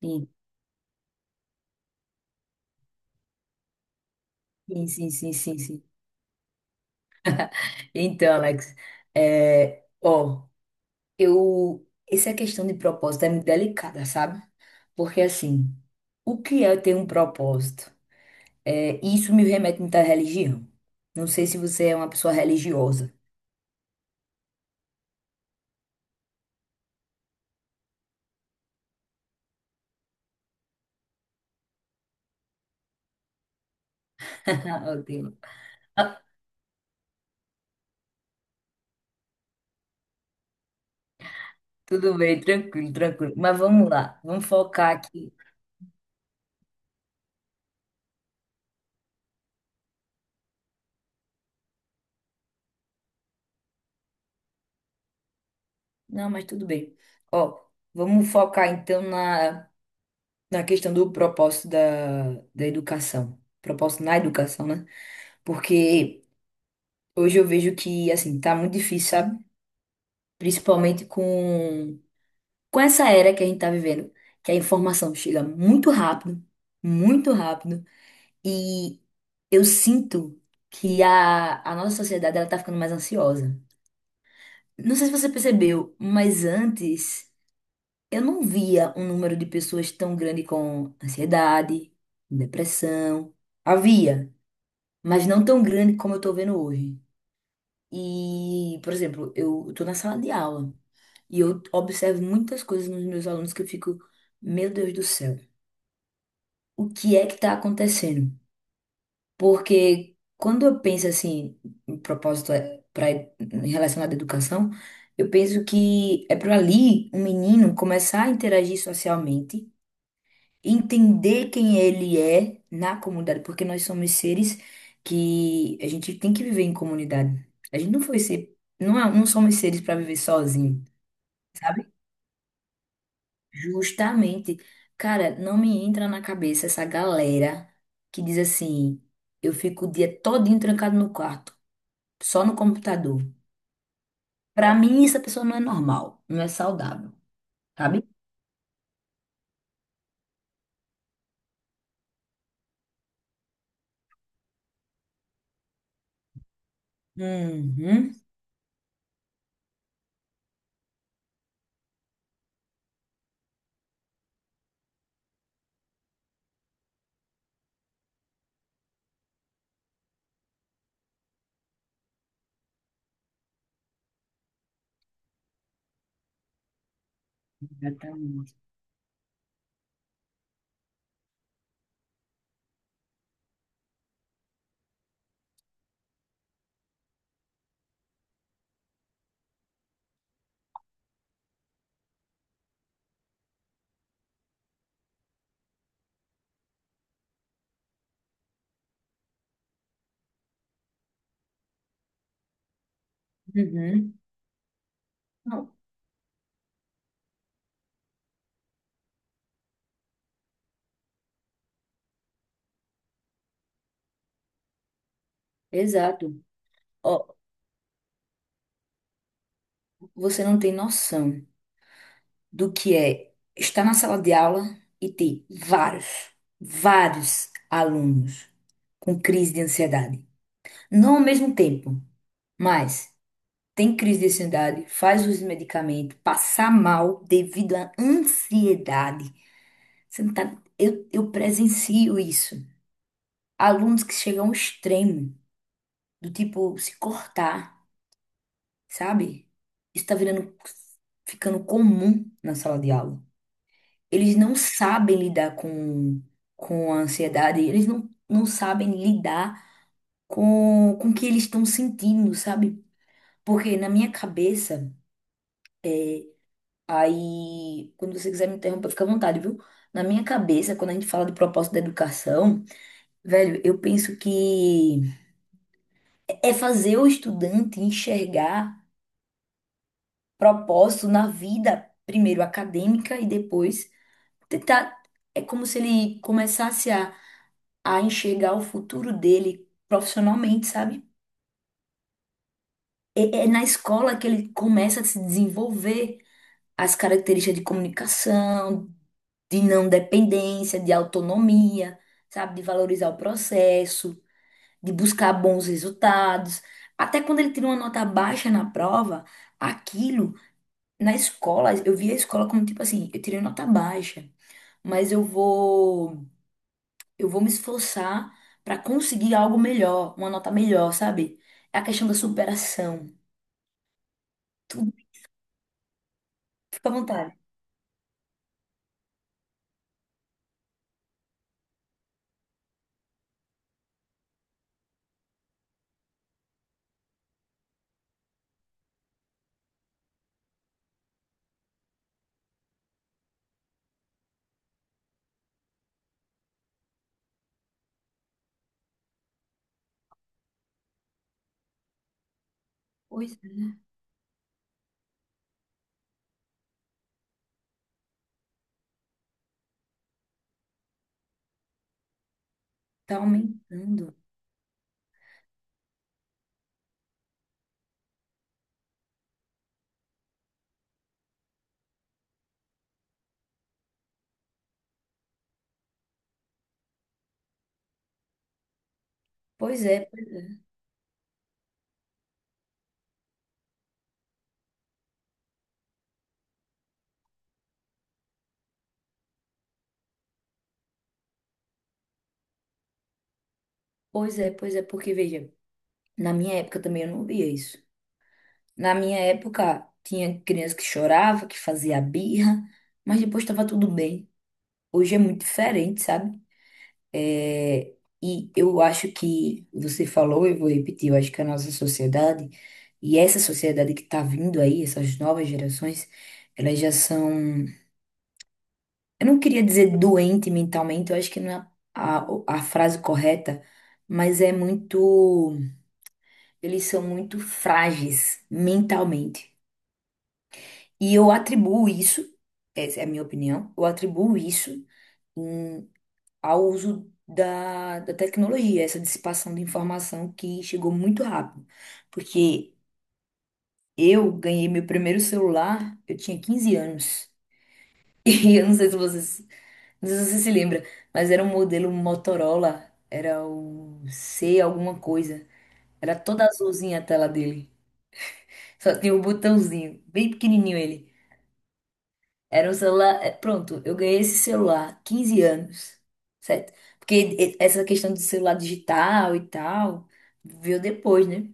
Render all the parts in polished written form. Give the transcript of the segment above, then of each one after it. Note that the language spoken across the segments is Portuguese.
Sim, sim, sim, sim, sim. Sim. Então, Alex, é, ó, essa questão de propósito é muito delicada, sabe? Porque, assim, o que é ter um propósito? É, isso me remete muito à religião. Não sei se você é uma pessoa religiosa. Meu Ah, tudo bem, tranquilo, tranquilo. Mas vamos lá, vamos focar aqui. Não, mas tudo bem. Ó, vamos focar então na, questão do propósito da educação. Propósito na educação, né? Porque hoje eu vejo que, assim, tá muito difícil, sabe? Principalmente com essa era que a gente tá vivendo, que a informação chega muito rápido, e eu sinto que a nossa sociedade, ela tá ficando mais ansiosa. Não sei se você percebeu, mas antes eu não via um número de pessoas tão grande com ansiedade, depressão. Havia, mas não tão grande como eu tô vendo hoje. E, por exemplo, eu estou na sala de aula e eu observo muitas coisas nos meus alunos que eu fico, meu Deus do céu, o que é que está acontecendo? Porque quando eu penso assim, em propósito é pra, em relação à educação, eu penso que é para ali um menino começar a interagir socialmente, entender quem ele é na comunidade, porque nós somos seres que a gente tem que viver em comunidade. A gente não foi ser, não, não somos seres para viver sozinho, sabe? Justamente. Cara, não me entra na cabeça essa galera que diz assim: eu fico o dia todinho trancado no quarto, só no computador. Pra mim, essa pessoa não é normal, não é saudável, sabe? Uhum. Exatamente. Uhum. Não, exato. Ó, você não tem noção do que é estar na sala de aula e ter vários, vários alunos com crise de ansiedade. Não ao mesmo tempo, mas tem crise de ansiedade, faz uso de medicamento, passar mal devido à ansiedade. Você não tá- eu presencio isso. Alunos que chegam ao extremo, do tipo se cortar, sabe? Isso está virando, ficando comum na sala de aula. Eles não sabem lidar com, a ansiedade, eles não sabem lidar com o que eles estão sentindo, sabe? Porque na minha cabeça, aí, quando você quiser me interromper, fica à vontade, viu? Na minha cabeça, quando a gente fala do propósito da educação, velho, eu penso que é fazer o estudante enxergar propósito na vida, primeiro acadêmica e depois tentar. É como se ele começasse a enxergar o futuro dele profissionalmente, sabe? É, é na escola que ele começa a se desenvolver as características de comunicação, de não dependência, de autonomia, sabe? De valorizar o processo, de buscar bons resultados. Até quando ele tira uma nota baixa na prova, aquilo, na escola, eu via a escola como tipo assim, eu tirei nota baixa, mas eu vou. Eu vou me esforçar para conseguir algo melhor, uma nota melhor, sabe? É a questão da superação. Tudo Fica à vontade. Pois é, tá aumentando. Pois é, pois é, pois é, porque veja, na minha época também eu não via isso. Na minha época tinha criança que chorava, que fazia birra, mas depois estava tudo bem. Hoje é muito diferente, sabe? É, e eu acho que você falou, eu vou repetir, eu acho que a nossa sociedade e essa sociedade que está vindo aí, essas novas gerações, elas já são, eu não queria dizer doente mentalmente, eu acho que não é a frase correta, mas é muito, eles são muito frágeis mentalmente. E eu atribuo isso, essa é a minha opinião, eu atribuo isso ao uso da tecnologia, essa dissipação de informação que chegou muito rápido. Porque eu ganhei meu primeiro celular, eu tinha 15 anos. E eu não sei se vocês, não sei se você se lembra, mas era um modelo Motorola, era o C alguma coisa. Era toda azulzinha a tela dele. Só tinha um botãozinho, bem pequenininho ele. Era um celular. É, pronto, eu ganhei esse celular, 15 anos, certo? Porque essa questão do celular digital e tal, veio depois, né?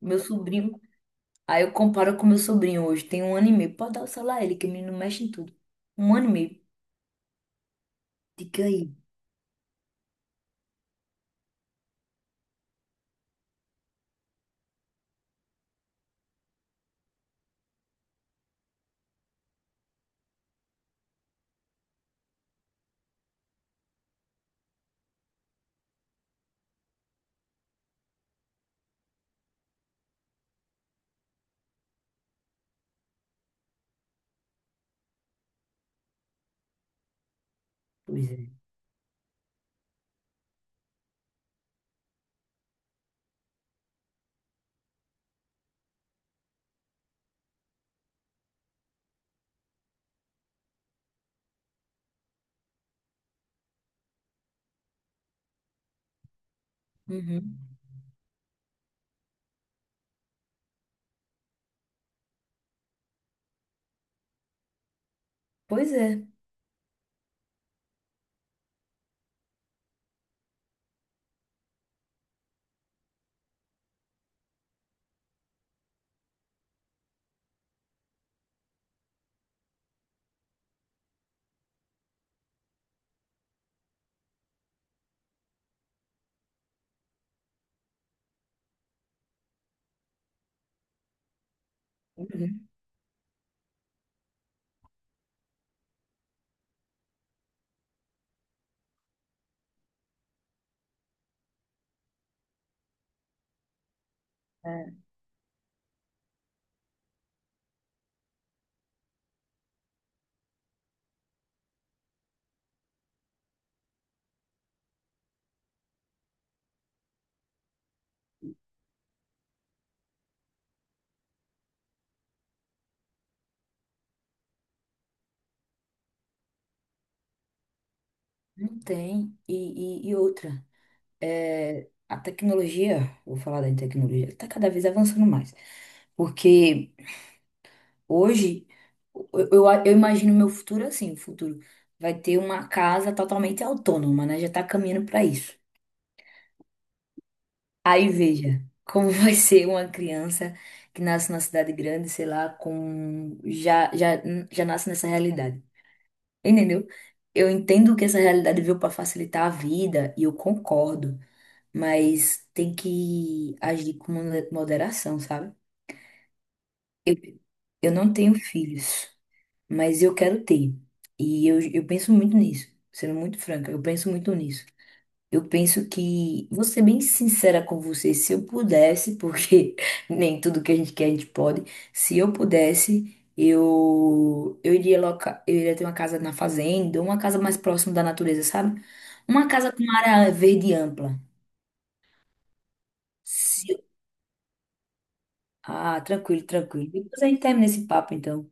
Meu sobrinho. Aí eu comparo com meu sobrinho hoje, tem 1 ano e meio. Pode dar o celular a ele, que o menino mexe em tudo. 1 ano e meio. Fica aí. Pois é. Uhum. Pois é. Uhum. É, não tem. E, outra, é, a tecnologia, vou falar da tecnologia, está cada vez avançando mais. Porque hoje, eu imagino meu futuro assim, o futuro vai ter uma casa totalmente autônoma, né? Já tá caminhando para isso. Aí veja como vai ser uma criança que nasce na cidade grande, sei lá, com já nasce nessa realidade. Entendeu? Eu entendo que essa realidade veio para facilitar a vida e eu concordo, mas tem que agir com moderação, sabe? Eu, eu não tenho filhos, mas eu quero ter. E eu penso muito nisso, sendo muito franca, eu penso muito nisso. Eu penso que, vou ser bem sincera com você, se eu pudesse, porque nem tudo que a gente quer a gente pode, se eu pudesse, eu iria loca, eu iria ter uma casa na fazenda, uma casa mais próxima da natureza, sabe? Uma casa com uma área verde ampla. Se- ah, tranquilo, tranquilo. Depois a gente termina esse papo, então.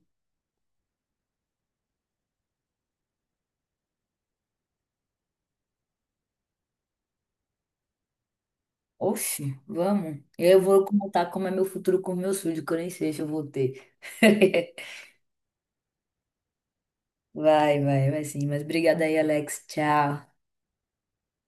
Oxe, vamos. Eu vou contar como é meu futuro com meus filhos, que eu nem sei se eu vou ter. Vai, vai, vai sim. Mas obrigada aí, Alex. Tchau.